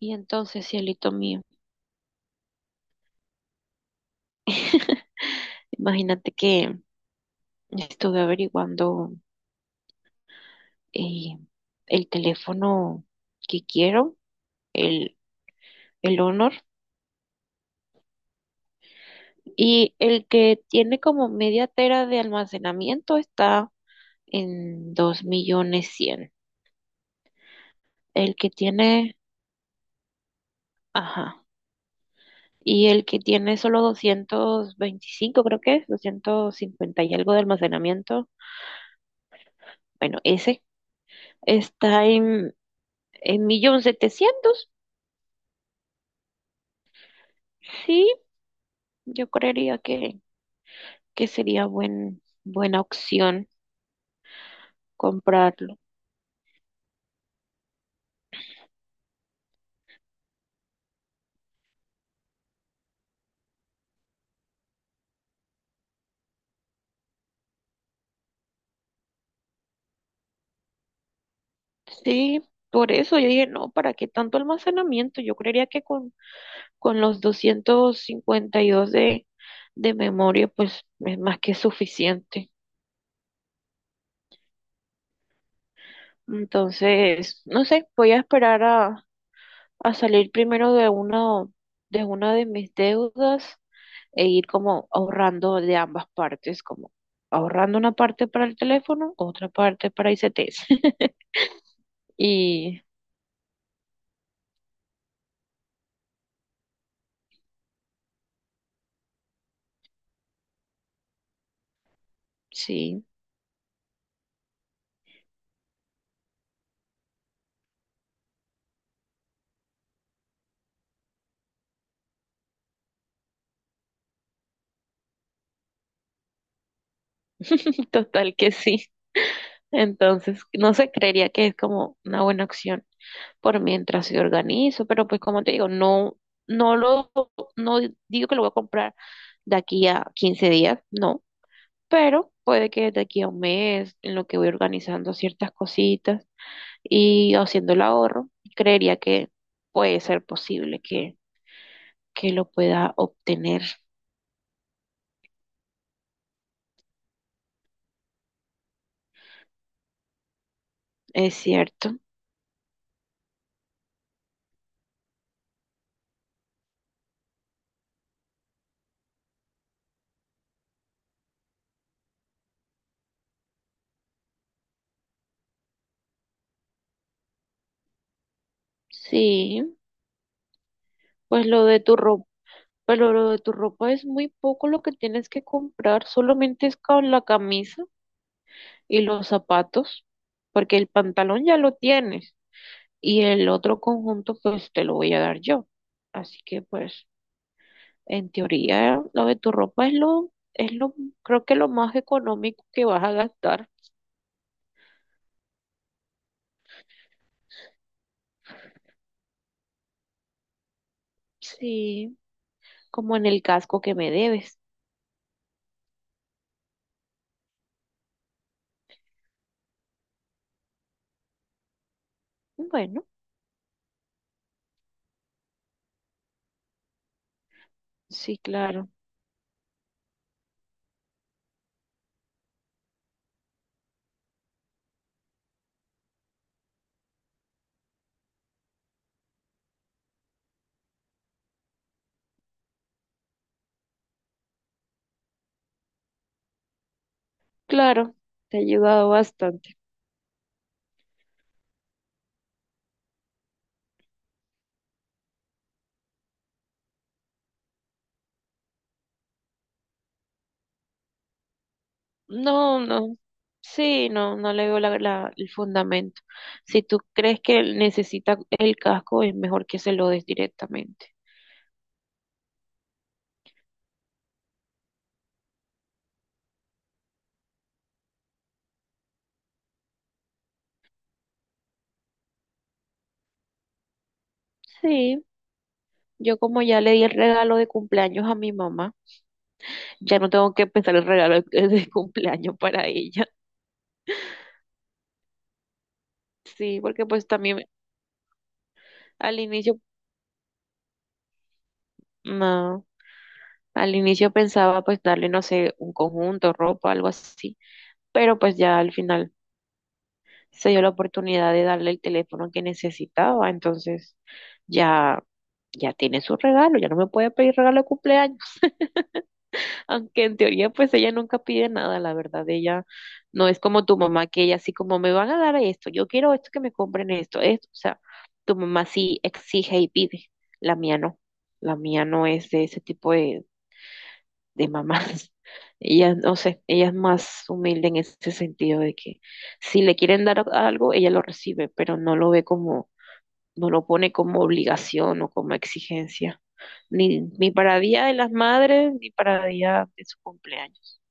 Y entonces, cielito mío, imagínate que estuve averiguando eh, el teléfono que quiero, el, el Honor. Y el que tiene como media tera de almacenamiento está en 2.100.000. El que tiene, ajá, y el que tiene solo 225, creo que es, 250 y algo de almacenamiento. Bueno, ese está en 1.700.000. Sí, yo creería que sería buena opción comprarlo. Sí, por eso yo dije, no, ¿para qué tanto almacenamiento? Yo creería que con los 252 de memoria, pues es más que suficiente. Entonces, no sé, voy a esperar a salir primero de una de mis deudas e ir como ahorrando de ambas partes, como ahorrando una parte para el teléfono, otra parte para I C ICTs. Y sí, total que sí. Entonces, no sé, creería que es como una buena opción por mientras se organizo, pero pues como te digo, no, no lo, no digo que lo voy a comprar de aquí a 15 días, no, pero puede que de aquí a un mes, en lo que voy organizando ciertas cositas y haciendo el ahorro, creería que puede ser posible que lo pueda obtener. Es cierto. Sí, pues lo de tu ropa. Pero lo de tu ropa es muy poco lo que tienes que comprar, solamente es con la camisa y los zapatos, porque el pantalón ya lo tienes y el otro conjunto pues te lo voy a dar yo. Así que pues en teoría lo de tu ropa es lo, creo que lo más económico que vas a gastar. Sí, como en el casco que me debes. Bueno, sí, claro, claro, te ha ayudado bastante. No, no. Sí, no, no le veo el fundamento. Si tú crees que él necesita el casco, es mejor que se lo des directamente. Sí, yo como ya le di el regalo de cumpleaños a mi mamá, ya no tengo que pensar el regalo de cumpleaños para ella. Sí, porque pues también al inicio, no, al inicio pensaba pues darle, no sé, un conjunto, ropa, algo así, pero pues ya al final. Se dio la oportunidad de darle el teléfono que necesitaba, entonces ya, ya tiene su regalo, ya no me puede pedir regalo de cumpleaños. Aunque en teoría pues ella nunca pide nada, la verdad, ella no es como tu mamá, que ella así como me van a dar esto, yo quiero esto, que me compren esto, esto, o sea, tu mamá sí exige y pide, la mía no, la mía no es de ese tipo de mamás. Ella, no sé, ella es más humilde en ese sentido de que si le quieren dar algo, ella lo recibe, pero no lo ve como, no lo pone como obligación o como exigencia. Ni, ni para Día de las Madres, ni para Día de su cumpleaños.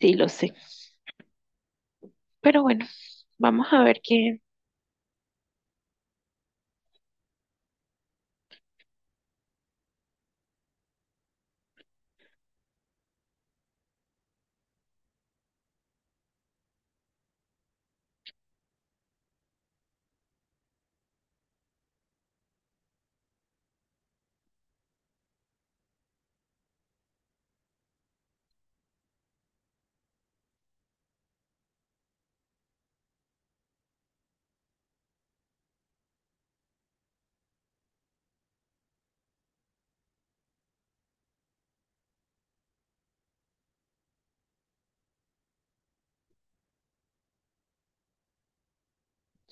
Sí, lo sé. Pero bueno, vamos a ver qué.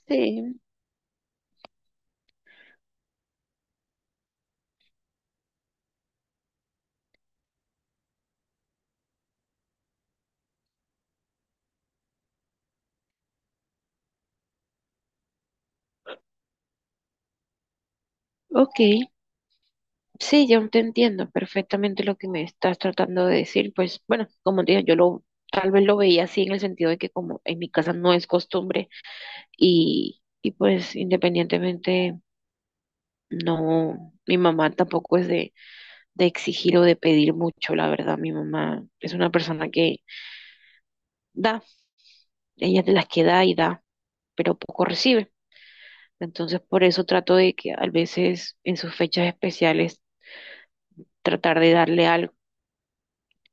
Sí, ok. Sí, yo te entiendo perfectamente lo que me estás tratando de decir. Pues bueno, como te digo, yo lo, tal vez lo veía así en el sentido de que como en mi casa no es costumbre y pues independientemente, no, mi mamá tampoco es de exigir o de pedir mucho, la verdad, mi mamá es una persona que da, ella es de las que da y da, pero poco recibe. Entonces, por eso trato de que a veces en sus fechas especiales tratar de darle algo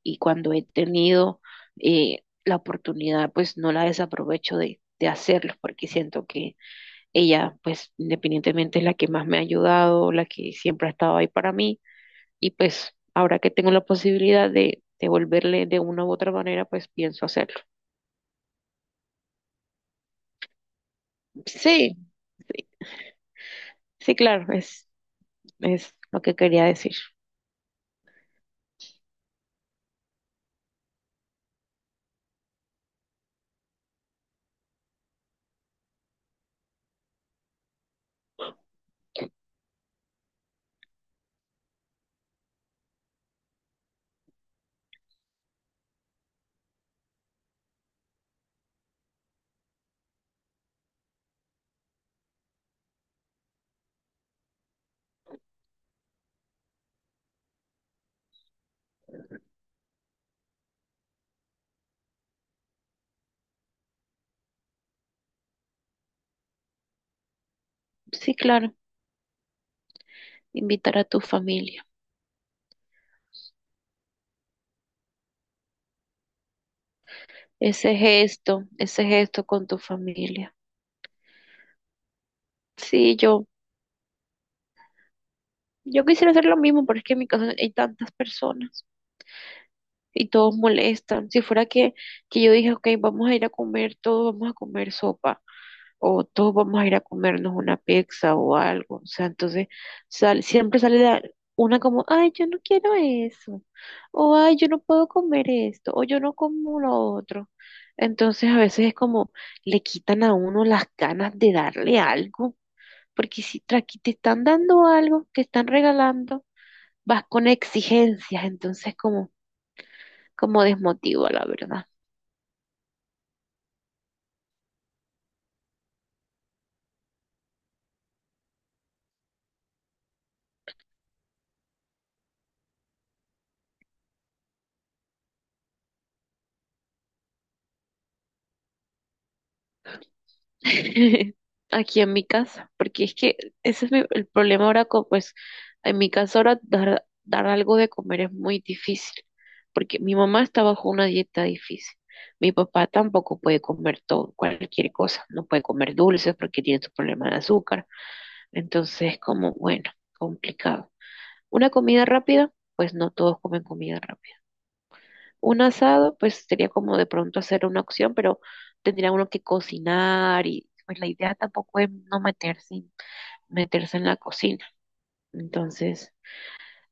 y cuando he tenido la oportunidad, pues no la desaprovecho de hacerlo porque siento que ella, pues, independientemente es la que más me ha ayudado, la que siempre ha estado ahí para mí. Y pues, ahora que tengo la posibilidad de devolverle de una u otra manera, pues pienso hacerlo. Sí, sí, claro, es lo que quería decir. Sí, claro, invitar a tu familia. Ese gesto con tu familia. Sí, yo quisiera hacer lo mismo, pero es que en mi casa hay tantas personas y todos molestan. Si fuera que yo dije, ok, vamos a ir a comer todos, vamos a comer sopa o todos vamos a ir a comernos una pizza o algo. O sea, entonces sal- siempre sale la- una como, ay, yo no quiero eso, o ay, yo no puedo comer esto, o yo no como lo otro. Entonces a veces es como le quitan a uno las ganas de darle algo, porque si tra- aquí te están dando algo, te están regalando, vas con exigencias, entonces como, como desmotiva, la verdad. Aquí en mi casa, porque es que ese es mi- el problema ahora con, pues, en mi casa ahora dar algo de comer es muy difícil, porque mi mamá está bajo una dieta difícil. Mi papá tampoco puede comer todo, cualquier cosa, no puede comer dulces porque tiene su problema de azúcar. Entonces, como, bueno, complicado. Una comida rápida, pues no todos comen comida rápida. Un asado, pues sería como de pronto hacer una opción, pero tendría uno que cocinar y pues la idea tampoco es no meterse, meterse en la cocina. Entonces,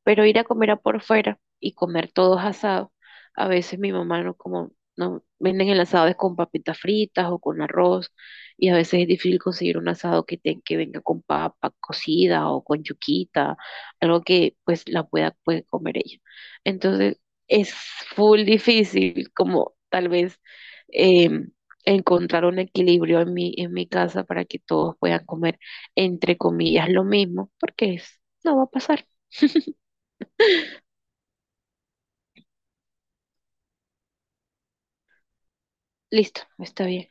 pero ir a comer a por fuera y comer todos asados. A veces mi mamá no como, no venden el asado es con papitas fritas o con arroz, y a veces es difícil conseguir un asado que, te- que venga con papa cocida o con yuquita, algo que pues la pueda puede comer ella. Entonces es full difícil como tal vez em, encontrar un equilibrio en mi casa para que todos puedan comer entre comillas lo mismo, porque es, no va a pasar. Listo, está bien.